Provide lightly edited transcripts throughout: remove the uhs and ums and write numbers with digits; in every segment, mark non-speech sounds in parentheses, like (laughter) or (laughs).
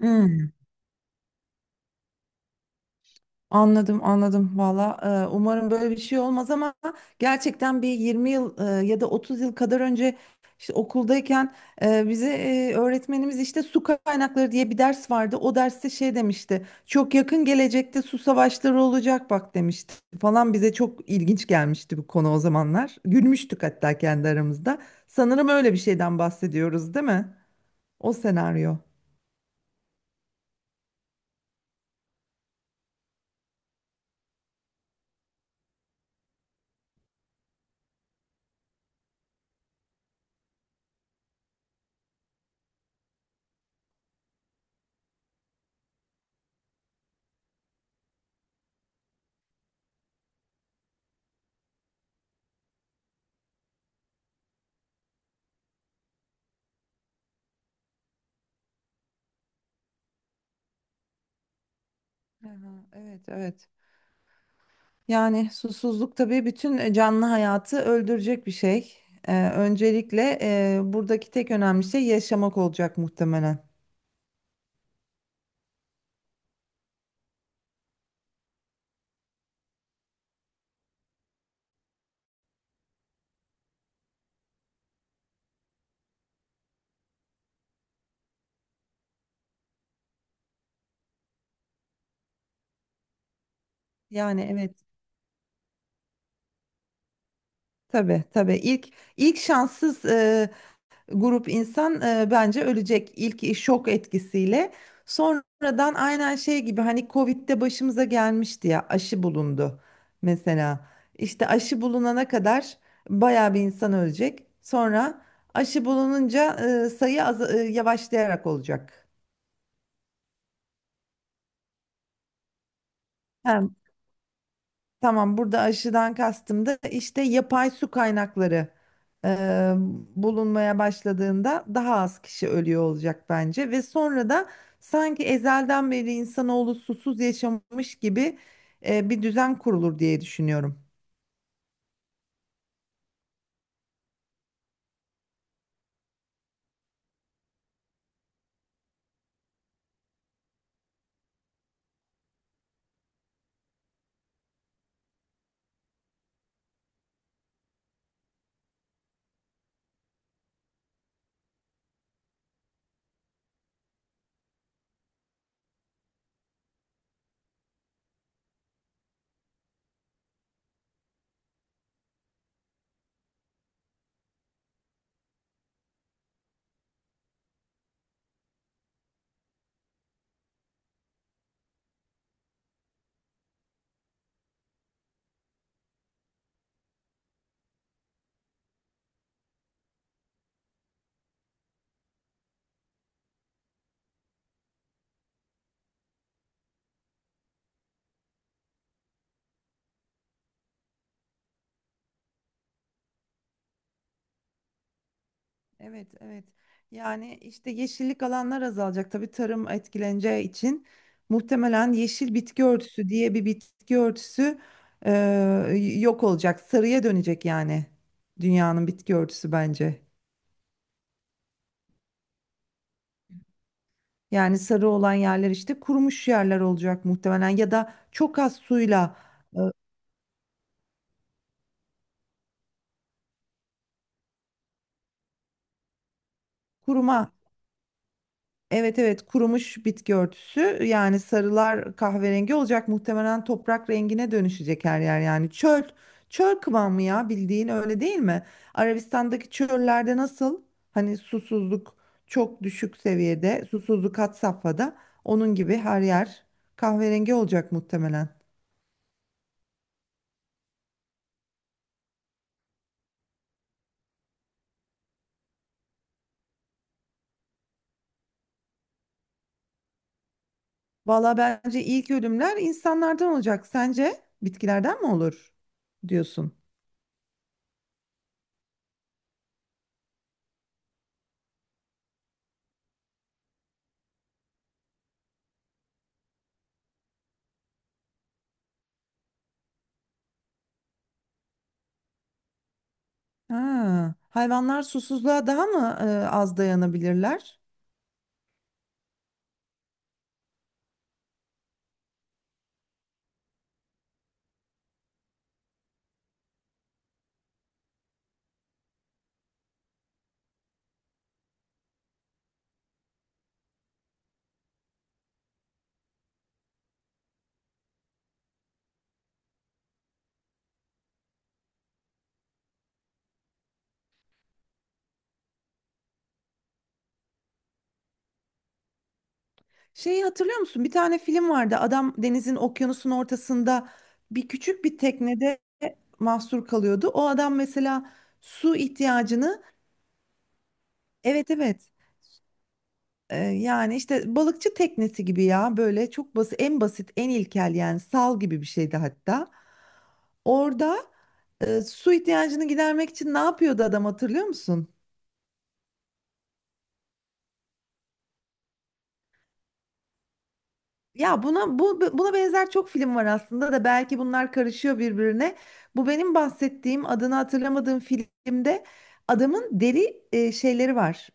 Hmm, anladım valla. Umarım böyle bir şey olmaz ama gerçekten bir 20 yıl, ya da 30 yıl kadar önce, işte okuldayken, bize öğretmenimiz, işte su kaynakları diye bir ders vardı. O derste şey demişti, çok yakın gelecekte su savaşları olacak bak demişti falan. Bize çok ilginç gelmişti bu konu o zamanlar, gülmüştük hatta kendi aramızda. Sanırım öyle bir şeyden bahsediyoruz değil mi, o senaryo. Aha, evet, evet. Yani susuzluk tabii bütün canlı hayatı öldürecek bir şey. Öncelikle buradaki tek önemli şey yaşamak olacak muhtemelen. Yani evet, tabii tabii. İlk şanssız grup insan bence ölecek ilk şok etkisiyle. Sonradan aynen şey gibi, hani Covid'de başımıza gelmişti ya, aşı bulundu mesela. İşte aşı bulunana kadar bayağı bir insan ölecek. Sonra aşı bulununca sayı az, yavaşlayarak olacak. Tamam, burada aşıdan kastım da işte yapay su kaynakları e, bulunmaya başladığında daha az kişi ölüyor olacak bence. Ve sonra da sanki ezelden beri insanoğlu susuz yaşamış gibi bir düzen kurulur diye düşünüyorum. Evet, evet. Yani işte yeşillik alanlar azalacak. Tabii tarım etkileneceği için muhtemelen yeşil bitki örtüsü diye bir bitki örtüsü e, yok olacak. Sarıya dönecek yani, dünyanın bitki örtüsü bence. Yani sarı olan yerler işte kurumuş yerler olacak muhtemelen, ya da çok az suyla e, kuruma. Evet evet, kurumuş bitki örtüsü, yani sarılar kahverengi olacak muhtemelen, toprak rengine dönüşecek her yer. Yani çöl kıvamı ya, bildiğin, öyle değil mi? Arabistan'daki çöllerde nasıl, hani susuzluk çok düşük seviyede, susuzluk had safhada, onun gibi her yer kahverengi olacak muhtemelen. Valla bence ilk ölümler insanlardan olacak. Sence bitkilerden mi olur diyorsun? Ha, hayvanlar susuzluğa daha mı az dayanabilirler? Şeyi hatırlıyor musun, bir tane film vardı. Adam denizin, okyanusun ortasında küçük bir teknede mahsur kalıyordu. O adam mesela su ihtiyacını, evet evet. Yani işte balıkçı teknesi gibi ya, böyle çok basit, en basit, en ilkel, yani sal gibi bir şeydi hatta. Orada su ihtiyacını gidermek için ne yapıyordu adam, hatırlıyor musun? Ya buna, buna benzer çok film var aslında da, belki bunlar karışıyor birbirine. Bu benim bahsettiğim, adını hatırlamadığım filmde adamın deri şeyleri var.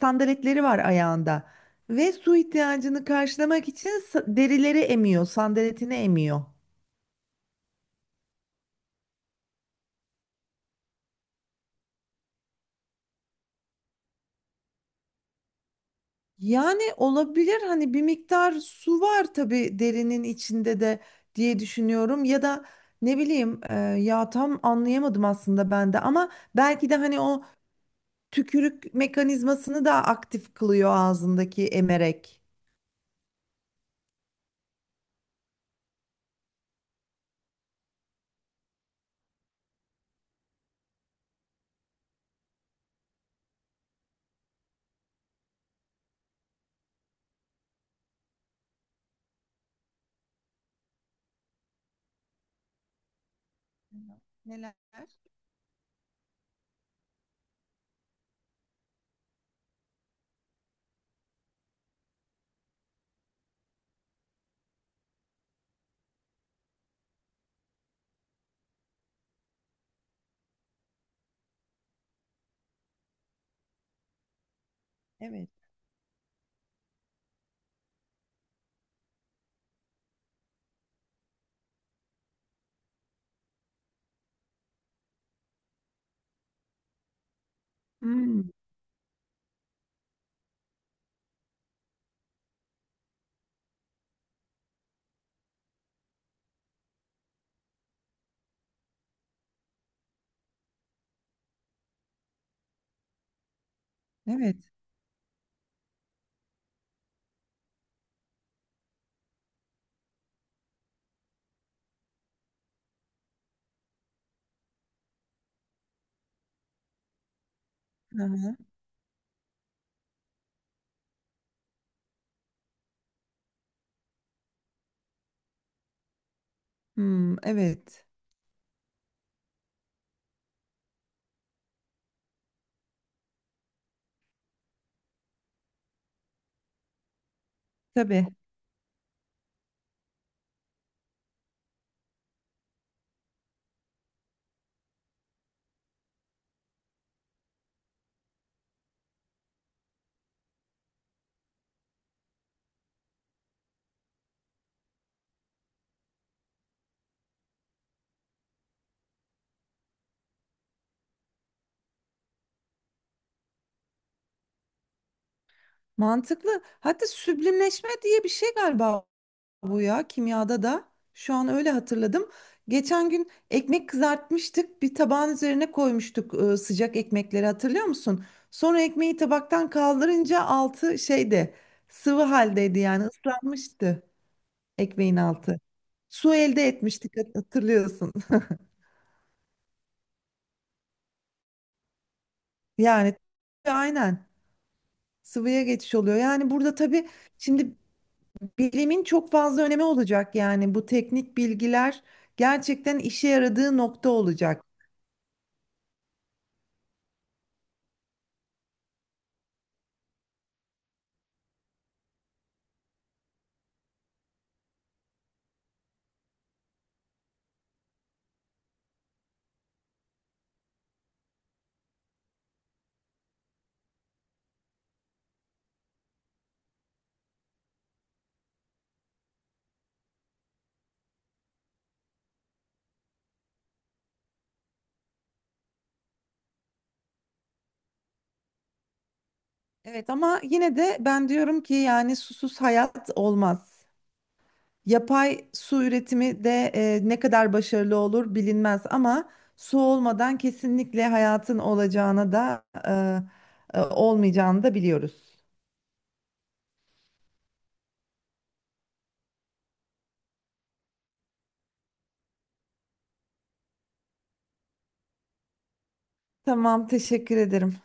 Sandaletleri var ayağında ve su ihtiyacını karşılamak için derileri emiyor, sandaletini emiyor. Yani olabilir, hani bir miktar su var tabii derinin içinde de diye düşünüyorum, ya da ne bileyim, ya tam anlayamadım aslında ben de ama belki de hani o tükürük mekanizmasını da aktif kılıyor ağzındaki emerek. Neler? Evet. Hmm, evet. Hı hı. Hmm, evet. Tabii. Mantıklı. Hatta süblimleşme diye bir şey galiba bu ya, kimyada da. Şu an öyle hatırladım. Geçen gün ekmek kızartmıştık. Bir tabağın üzerine koymuştuk sıcak ekmekleri, hatırlıyor musun? Sonra ekmeği tabaktan kaldırınca altı şeyde sıvı haldeydi, yani ıslanmıştı. Ekmeğin altı. Su elde etmiştik, hatırlıyorsun. (laughs) Yani aynen, sıvıya geçiş oluyor. Yani burada tabii şimdi bilimin çok fazla önemi olacak. Yani bu teknik bilgiler gerçekten işe yaradığı nokta olacak. Evet, ama yine de ben diyorum ki yani susuz hayat olmaz. Yapay su üretimi de ne kadar başarılı olur bilinmez ama su olmadan kesinlikle hayatın olacağına da, olmayacağını da biliyoruz. Tamam, teşekkür ederim.